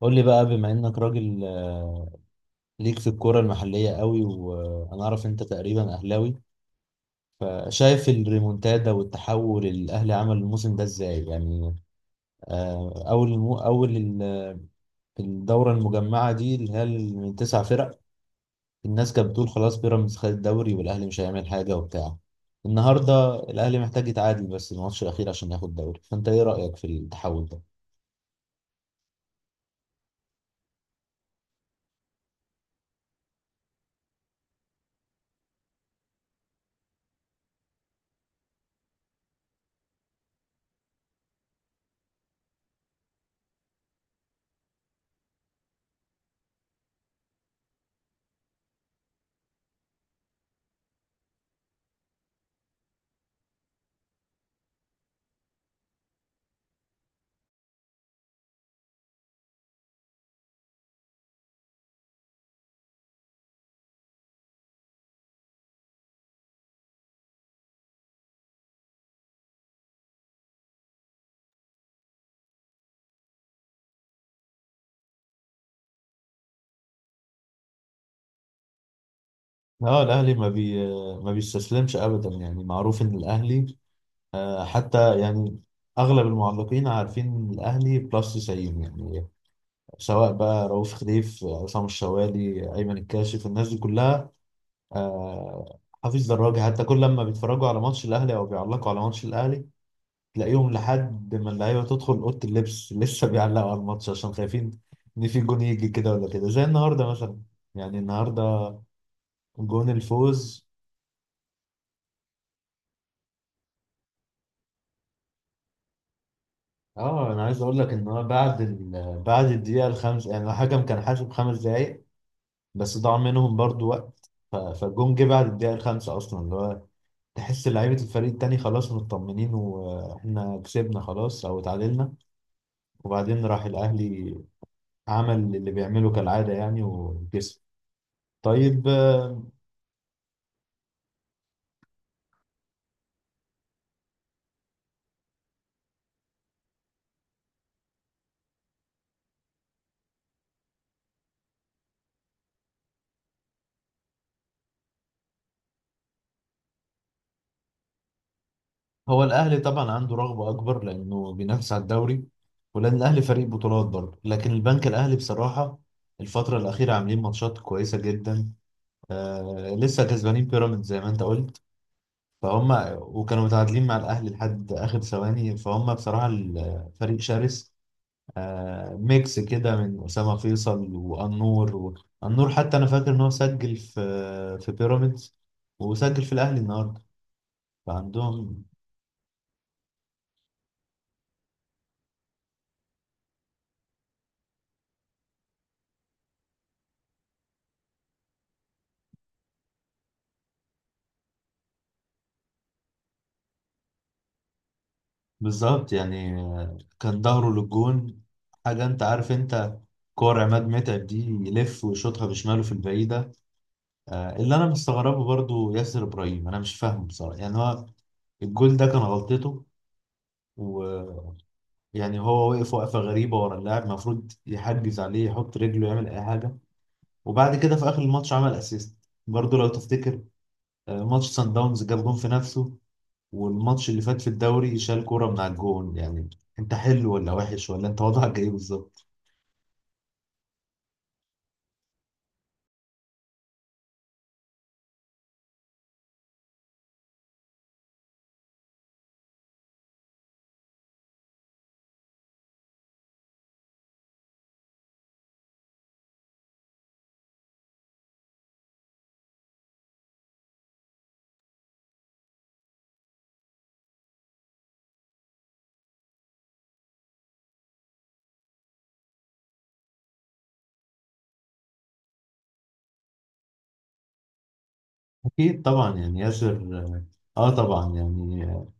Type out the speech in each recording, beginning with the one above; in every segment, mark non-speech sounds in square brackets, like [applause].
قول لي بقى بما انك راجل، ليك في الكرة المحلية قوي، وانا اعرف انت تقريبا اهلاوي. شايف الريمونتادا والتحول اللي الاهلي عمل الموسم ده ازاي؟ يعني آه، اول المو اول ال- الدورة المجمعة دي اللي هي من تسع فرق، الناس كانت بتقول خلاص بيراميدز خد الدوري والاهلي مش هيعمل حاجة وبتاع. النهارده الاهلي محتاج يتعادل بس الماتش الاخير عشان ياخد الدوري، فانت ايه رأيك في التحول ده؟ اه الاهلي ما بيستسلمش ابدا، يعني معروف ان الاهلي. حتى يعني اغلب المعلقين عارفين الاهلي بلس 90 يعني، سواء بقى رؤوف خليف، عصام الشوالي، ايمن الكاشف، الناس دي كلها، حفيظ دراجي. حتى كل لما بيتفرجوا على ماتش الاهلي او بيعلقوا على ماتش الاهلي، تلاقيهم لحد ما اللعيبه تدخل اوضه اللبس [laughs] لسه بيعلقوا على الماتش، عشان خايفين ان في جون يجي كده ولا كده زي النهارده مثلا. يعني النهارده جون الفوز. اه انا عايز اقول لك ان هو بعد الدقيقه الخامسه، يعني الحكم كان حاسب خمس دقائق، بس ضاع منهم برضو وقت، فالجون جه بعد الدقيقة الخامسة أصلا، اللي هو تحس لعيبة الفريق التاني خلاص مطمنين وإحنا كسبنا خلاص أو اتعادلنا، وبعدين راح الأهلي عمل اللي بيعمله كالعادة يعني وكسب. طيب، آه، هو الأهلي طبعا عنده رغبة أكبر لأنه بينافس على الدوري، ولأن الأهلي فريق بطولات برضه، لكن البنك الأهلي بصراحة الفترة الأخيرة عاملين ماتشات كويسة جدا. لسه كسبانين بيراميدز زي ما أنت قلت، فهم وكانوا متعادلين مع الأهلي لحد آخر ثواني، فهم بصراحة الفريق شرس. ميكس كده من أسامة فيصل وأنور أنور. حتى أنا فاكر إن هو سجل في في بيراميدز، وسجل في الأهلي النهاردة، فعندهم. بالظبط، يعني كان ظهره للجون. حاجة أنت عارف، أنت كور عماد متعب دي، يلف ويشوطها بشماله في البعيدة. اللي أنا مستغربه برضو ياسر إبراهيم، أنا مش فاهمه بصراحة، يعني هو الجول ده كان غلطته و... يعني هو وقف وقفة غريبة ورا اللاعب، المفروض يحجز عليه، يحط رجله، يعمل أي حاجة. وبعد كده في آخر الماتش عمل أسيست برضه، لو تفتكر. ماتش سان داونز جاب جون في نفسه، والماتش اللي فات في الدوري شال كورة من على الجون. يعني أنت حلو ولا وحش ولا أنت وضعك إيه بالظبط؟ أكيد طبعا، يعني ياسر. آه طبعا يعني، آه،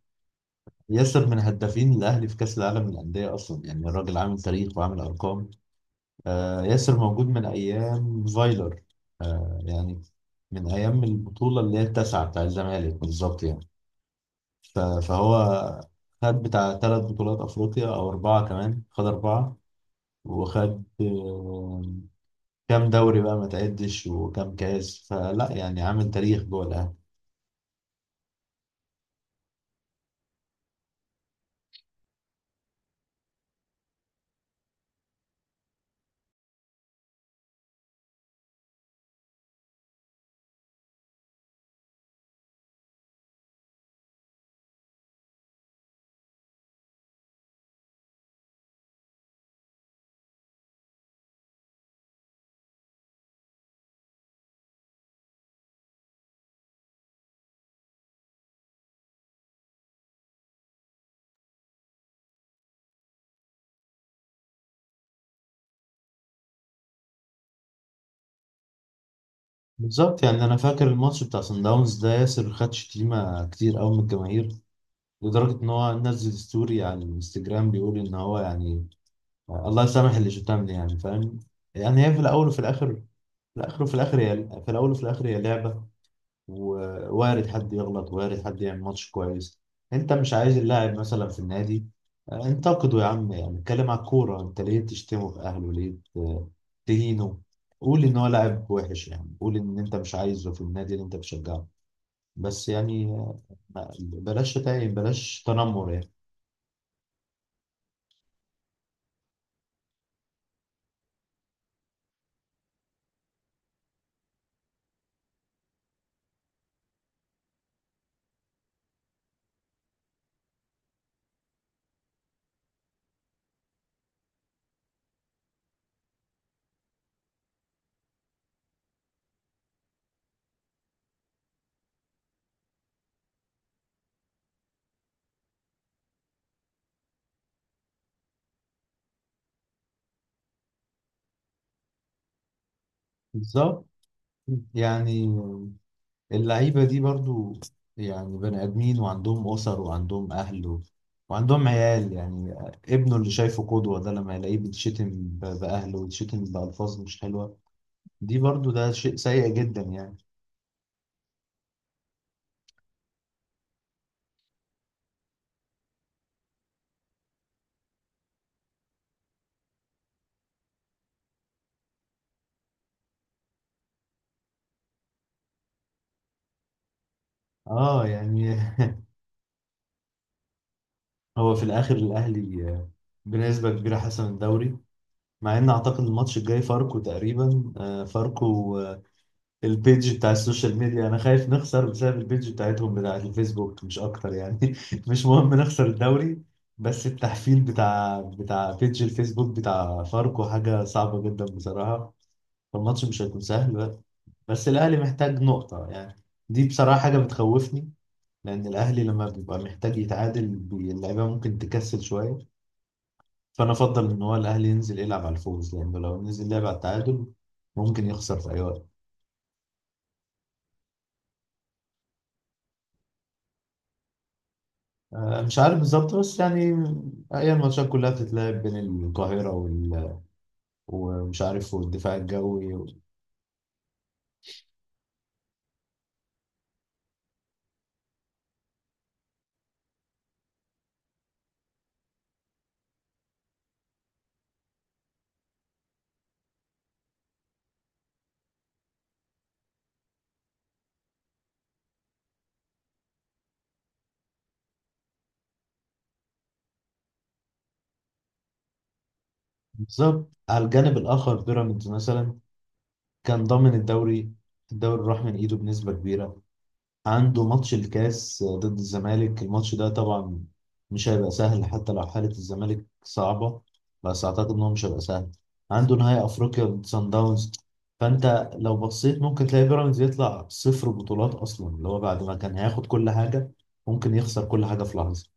ياسر من هدافين الأهلي في كأس العالم للأندية أصلا، يعني الراجل عامل تاريخ وعامل أرقام. ياسر موجود من أيام فايلر، يعني من أيام البطولة اللي هي التاسعة بتاع الزمالك بالظبط يعني. فهو خد بتاع ثلاث بطولات أفريقيا، أو أربعة كمان، خد أربعة. وخد كام دوري بقى ما تعدش، وكام كاس فلا، يعني عامل تاريخ جوه الأهلي. بالظبط، يعني أنا فاكر الماتش بتاع صن داونز ده، ياسر خد شتيمة كتير أوي من الجماهير، لدرجة إن هو نزل ستوري على الانستجرام بيقول إن هو يعني الله يسامح اللي شو لي، يعني فاهم؟ يعني هي في الاول وفي الاخر، في الاخر وفي الاخر، هي في الاول وفي الاخر هي لعبه. ووارد حد يغلط، وارد حد يعمل ماتش كويس. انت مش عايز اللاعب مثلا في النادي، انتقده يا عم، يعني اتكلم على الكوره. انت ليه تشتمه في اهله، ليه تهينه؟ قول ان هو لاعب وحش، يعني قول ان انت مش عايزه في النادي اللي انت بتشجعه، بس يعني، آه، ما- بلاش شتايم، بلاش تنمر يعني. بالظبط، يعني اللعيبة دي برضو يعني بني آدمين، وعندهم أسر وعندهم أهل. وعندهم عيال يعني. ابنه اللي شايفه قدوة ده، لما يلاقيه بيتشتم بأهله، ويتشتم بألفاظ مش حلوة، دي برضو ده شيء سيء جدا يعني. اه يعني [laughs] هو في الآخر الأهلي بنسبة كبيرة حسم الدوري. مع إن أعتقد الماتش الجاي فاركو تقريبا، فاركو البيج بتاع السوشيال ميديا انا خايف نخسر بسبب البيج بتاعتهم بتاع الفيسبوك مش اكتر يعني [laughs] مش مهم نخسر الدوري، بس التحفيل بتاع بيج الفيسبوك بتاع فاركو حاجة صعبة جدا بصراحة، فالماتش مش هيكون سهل بقى. بس الاهلي محتاج نقطة يعني، دي بصراحة حاجة بتخوفني. لان الاهلي لما بيبقى محتاج يتعادل اللعيبة ممكن تكسل شوية، فانا افضل ان هو الاهلي ينزل يلعب على الفوز، لانه لو نزل لعب على التعادل ممكن يخسر في اي وقت. مش عارف بالظبط، بس يعني هي الماتشات كلها بتتلعب بين القاهرة ومش عارف والدفاع الجوي. بالظبط. على الجانب الآخر بيراميدز مثلا كان ضامن الدوري، الدوري راح من إيده بنسبة كبيرة. عنده ماتش الكاس ضد الزمالك، الماتش ده طبعا مش هيبقى سهل، حتى لو حالة الزمالك صعبة، بس أعتقد إن هو مش هيبقى سهل. عنده نهائي أفريقيا ضد سان داونز، فأنت لو بصيت ممكن تلاقي بيراميدز يطلع صفر بطولات أصلا، اللي هو بعد ما كان هياخد كل حاجة ممكن يخسر كل حاجة في لحظة.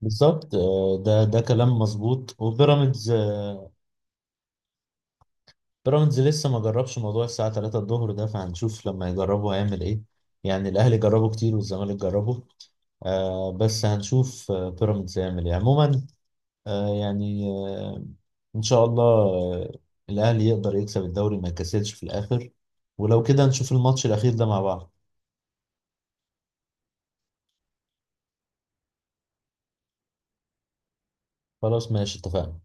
بالظبط. ده كلام مظبوط. بيراميدز لسه ما جربش موضوع الساعة 3 الظهر ده، فهنشوف لما يجربوا هيعمل ايه. يعني الأهلي جربه كتير والزمالك جربه، بس هنشوف بيراميدز هيعمل ايه عموما. آه يعني آه إن شاء الله. الأهلي يقدر يكسب الدوري، ما يكسلش في الآخر. ولو كده نشوف الماتش الأخير ده مع بعض. خلاص ماشي، اتفقنا.